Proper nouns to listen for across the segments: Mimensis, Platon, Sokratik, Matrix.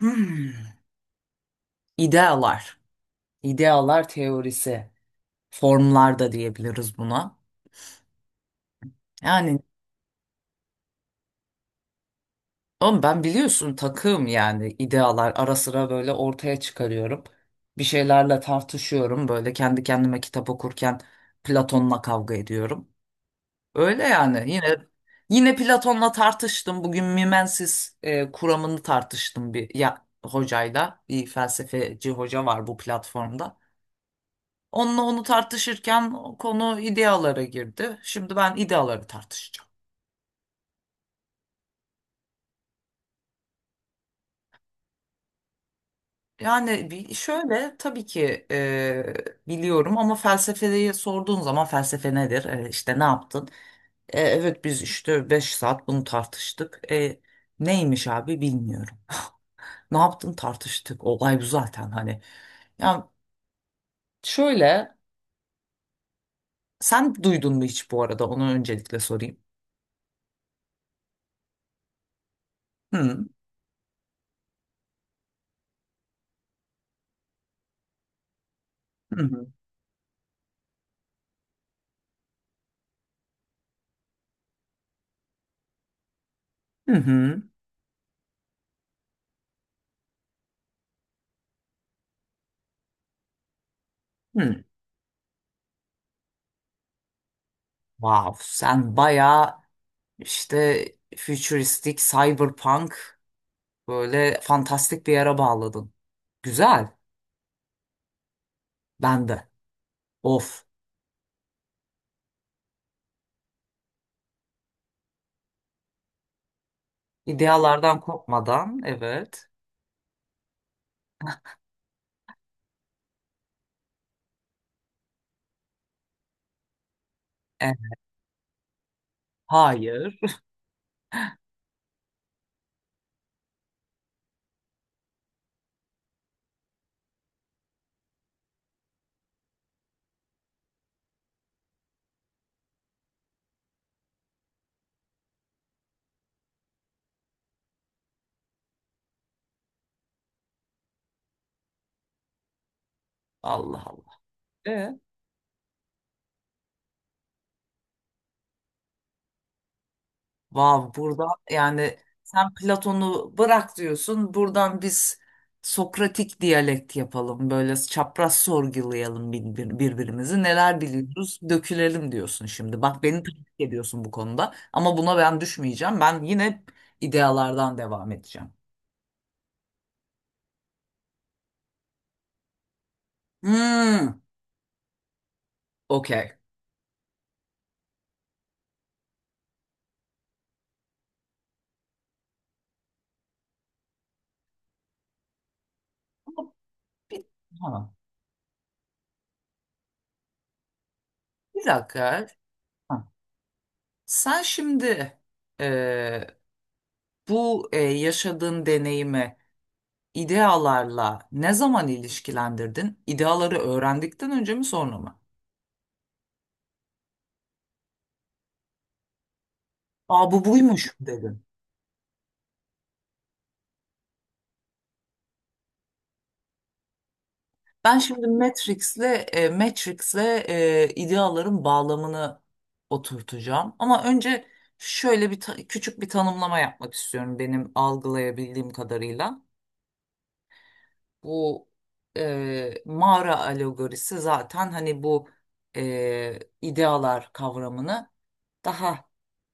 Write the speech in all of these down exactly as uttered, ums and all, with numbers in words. Hmm. İdealar. İdealar teorisi. Formlar da diyebiliriz buna. Yani oğlum, ben biliyorsun takığım, yani idealar ara sıra böyle ortaya çıkarıyorum. Bir şeylerle tartışıyorum. Böyle kendi kendime kitap okurken Platon'la kavga ediyorum. Öyle yani, yine yine Platon'la tartıştım. Bugün Mimensis e, kuramını tartıştım bir ya, hocayla. Bir felsefeci hoca var bu platformda. Onunla onu tartışırken konu idealara girdi. Şimdi ben ideaları tartışacağım. Yani bir- şöyle, tabii ki e, biliyorum ama felsefeyi sorduğun zaman felsefe nedir? E, işte ne yaptın? E, evet, biz işte beş saat bunu tartıştık. E, neymiş abi, bilmiyorum. Ne yaptın, tartıştık. Olay bu zaten, hani. Ya şöyle, sen duydun mu hiç bu arada? Onu öncelikle sorayım. Hı hı. Hı hı. Hı. Wow, sen bayağı İşte futuristik, cyberpunk, böyle fantastik bir yere bağladın. Güzel. Ben de. Of. İdealardan kopmadan, evet. E, hayır. Allah Allah. E? Vav, burada yani sen Platon'u bırak diyorsun. Buradan biz Sokratik diyalekt yapalım. Böyle çapraz sorgulayalım bir- birbirimizi. Neler biliyoruz dökülelim diyorsun şimdi. Bak, beni takip ediyorsun bu konuda. Ama buna ben düşmeyeceğim. Ben yine idealardan devam edeceğim. Hmm, okey. Ama Bir, ha, bir dakika. Ha, sen şimdi e, bu e, yaşadığın deneyimi İdealarla ne zaman ilişkilendirdin? İdeaları öğrendikten önce mi, sonra mı? Aa, bu buymuş dedin. Ben şimdi Matrix'le e, Matrix'le e, ideaların bağlamını oturtacağım. Ama önce şöyle bir ta- küçük bir tanımlama yapmak istiyorum, benim algılayabildiğim kadarıyla. Bu e, mağara alegorisi zaten hani bu e, idealar kavramını daha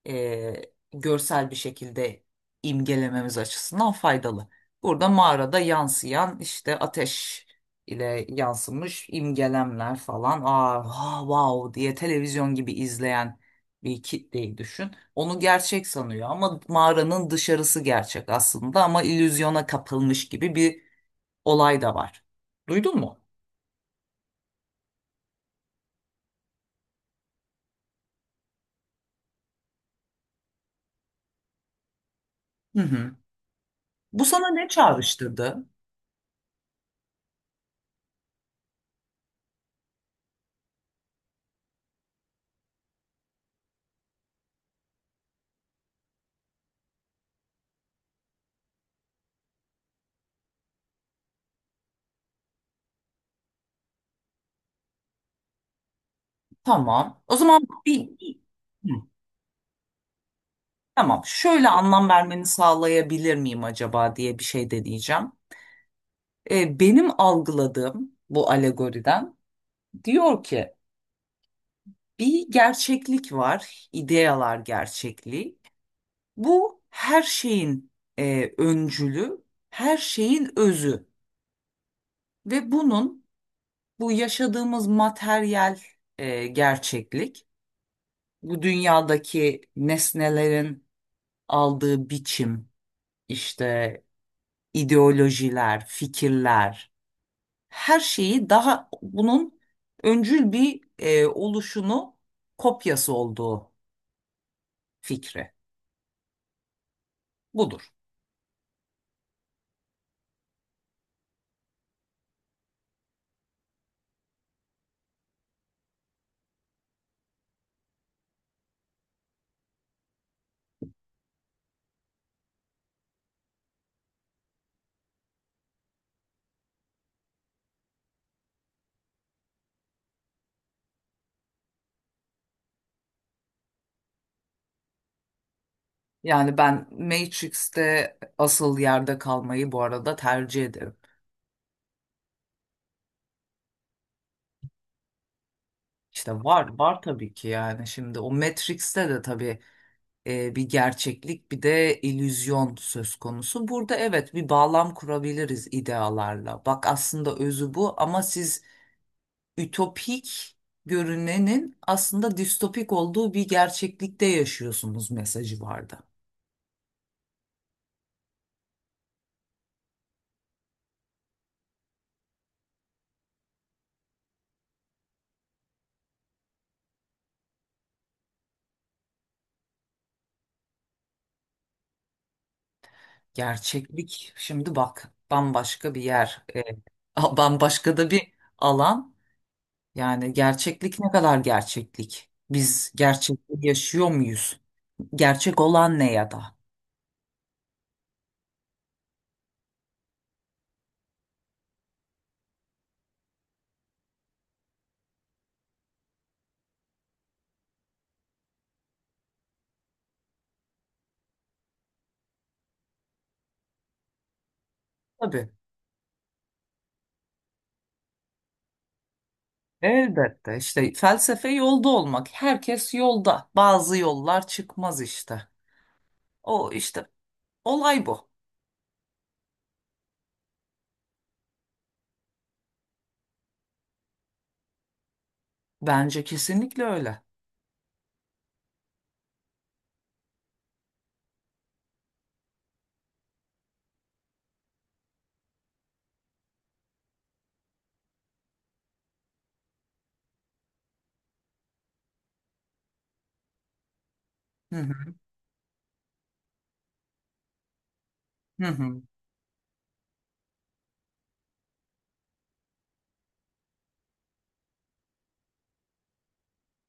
e, görsel bir şekilde imgelememiz açısından faydalı. Burada mağarada yansıyan işte ateş ile yansımış imgelemler falan. "Aa, ha, wow" diye televizyon gibi izleyen bir kitleyi düşün. Onu gerçek sanıyor ama mağaranın dışarısı gerçek aslında, ama illüzyona kapılmış gibi bir olay da var. Duydun mu? Hı hı. Bu sana ne çağrıştırdı? Tamam. O zaman bir... Hı. Tamam, şöyle anlam vermeni sağlayabilir miyim acaba diye bir şey deneyeceğim. Ee, benim algıladığım bu alegoriden, diyor ki bir gerçeklik var, ideyalar gerçekliği. Bu her şeyin e, öncülü, her şeyin özü ve bunun, bu yaşadığımız materyal e, gerçeklik, bu dünyadaki nesnelerin aldığı biçim, işte ideolojiler, fikirler, her şeyi daha bunun öncül bir e, oluşunu, kopyası olduğu fikri. Budur. Yani ben Matrix'te asıl yerde kalmayı bu arada tercih ederim. İşte var var, tabii ki. Yani şimdi o Matrix'te de tabii e, bir gerçeklik bir de illüzyon söz konusu. Burada evet, bir bağlam kurabiliriz idealarla. Bak, aslında özü bu ama siz ütopik görünenin aslında distopik olduğu bir gerçeklikte yaşıyorsunuz mesajı vardı. Gerçeklik şimdi bak, bambaşka bir yer, e, a- bambaşka da bir alan. Yani gerçeklik ne kadar gerçeklik? Biz gerçekliği yaşıyor muyuz? Gerçek olan ne ya da? Tabii. Elbette, işte felsefe yolda olmak. Herkes yolda. Bazı yollar çıkmaz işte. O işte, olay bu. Bence kesinlikle öyle. Hı hı. Hı hı.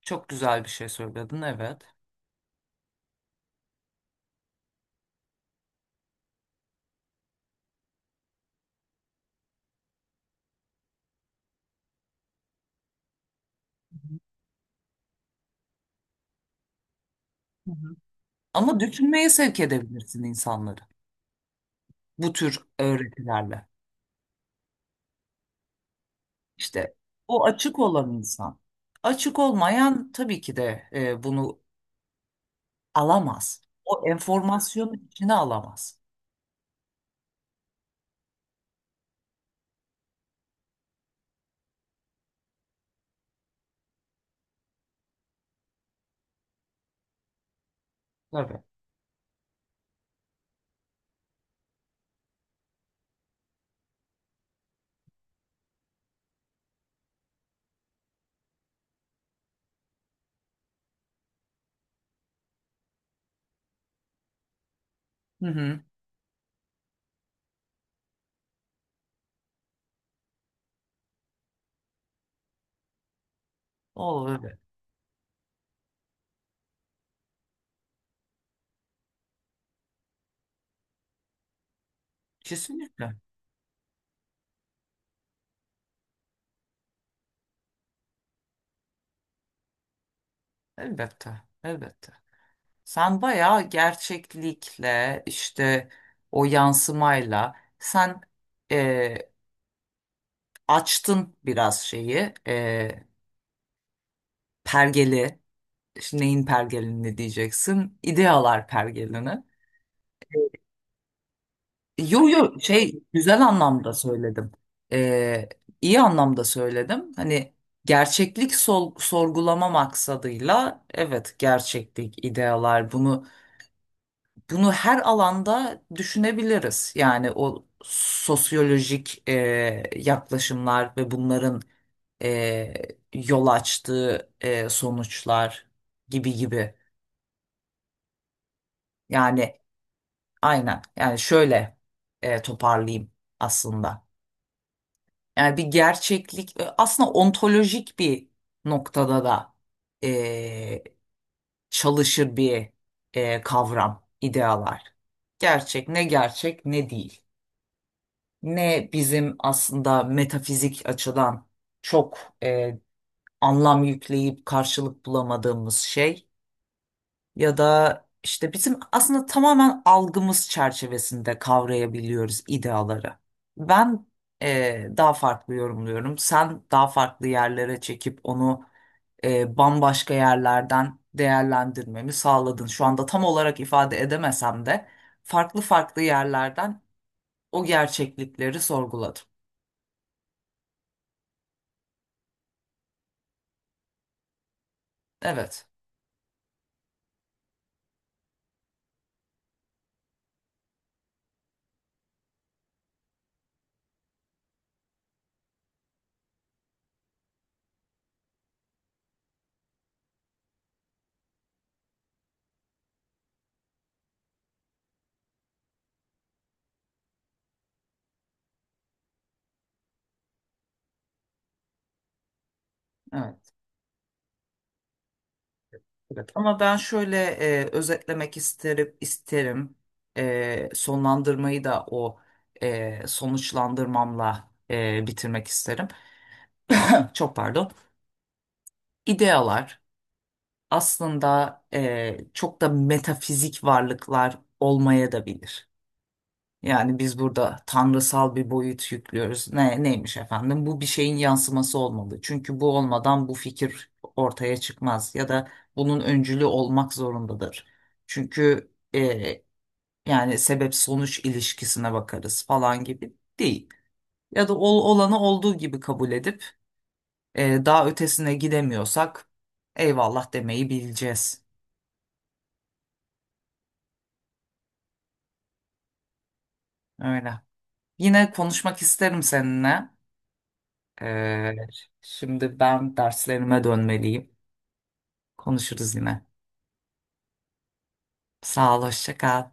Çok güzel bir şey söyledin, evet. Hı hı. Ama düşünmeye sevk edebilirsin insanları. Bu tür öğretilerle. İşte, o açık olan insan. Açık olmayan tabii ki de e, bunu alamaz. O enformasyonu içine alamaz. Tabii. Hı hı. O öyle. Kesinlikle. Elbette, elbette. Sen bayağı gerçeklikle, işte o yansımayla sen e, açtın biraz şeyi, e, pergeli. İşte neyin pergelini diyeceksin, idealar pergelini. Yo yo, şey, güzel anlamda söyledim. E, iyi anlamda söyledim. Hani gerçeklik sol- sorgulama maksadıyla, evet, gerçeklik idealar bunu. Bunu her alanda düşünebiliriz. Yani o sosyolojik e, yaklaşımlar ve bunların e, yol açtığı e, sonuçlar gibi gibi. Yani aynen. Yani şöyle e, toparlayayım aslında. Yani bir gerçeklik e, aslında ontolojik bir noktada da e, çalışır bir e, kavram, idealar. Gerçek ne, gerçek ne değil. Ne bizim aslında metafizik açıdan çok e, anlam yükleyip karşılık bulamadığımız şey, ya da işte bizim aslında tamamen algımız çerçevesinde kavrayabiliyoruz ideaları. Ben e, daha farklı yorumluyorum. Sen daha farklı yerlere çekip onu e, bambaşka yerlerden değerlendirmemi sağladın. Şu anda tam olarak ifade edemesem de farklı farklı yerlerden o gerçeklikleri sorguladım. Evet. Evet, evet. Ama ben şöyle e, özetlemek isterim, isterim. E, sonlandırmayı da o e, sonuçlandırmamla e, bitirmek isterim. Çok pardon. İdealar aslında e, çok da metafizik varlıklar olmaya da bilir. Yani biz burada tanrısal bir boyut yüklüyoruz. Ne, neymiş efendim? Bu bir şeyin yansıması olmalı. Çünkü bu olmadan bu fikir ortaya çıkmaz ya da bunun öncülü olmak zorundadır. Çünkü e, yani sebep sonuç ilişkisine bakarız falan gibi değil. Ya da ol, olanı olduğu gibi kabul edip e, daha ötesine gidemiyorsak eyvallah demeyi bileceğiz. Öyle. Yine konuşmak isterim seninle. Ee, şimdi ben derslerime dönmeliyim. Konuşuruz yine. Sağ ol, hoşça kal.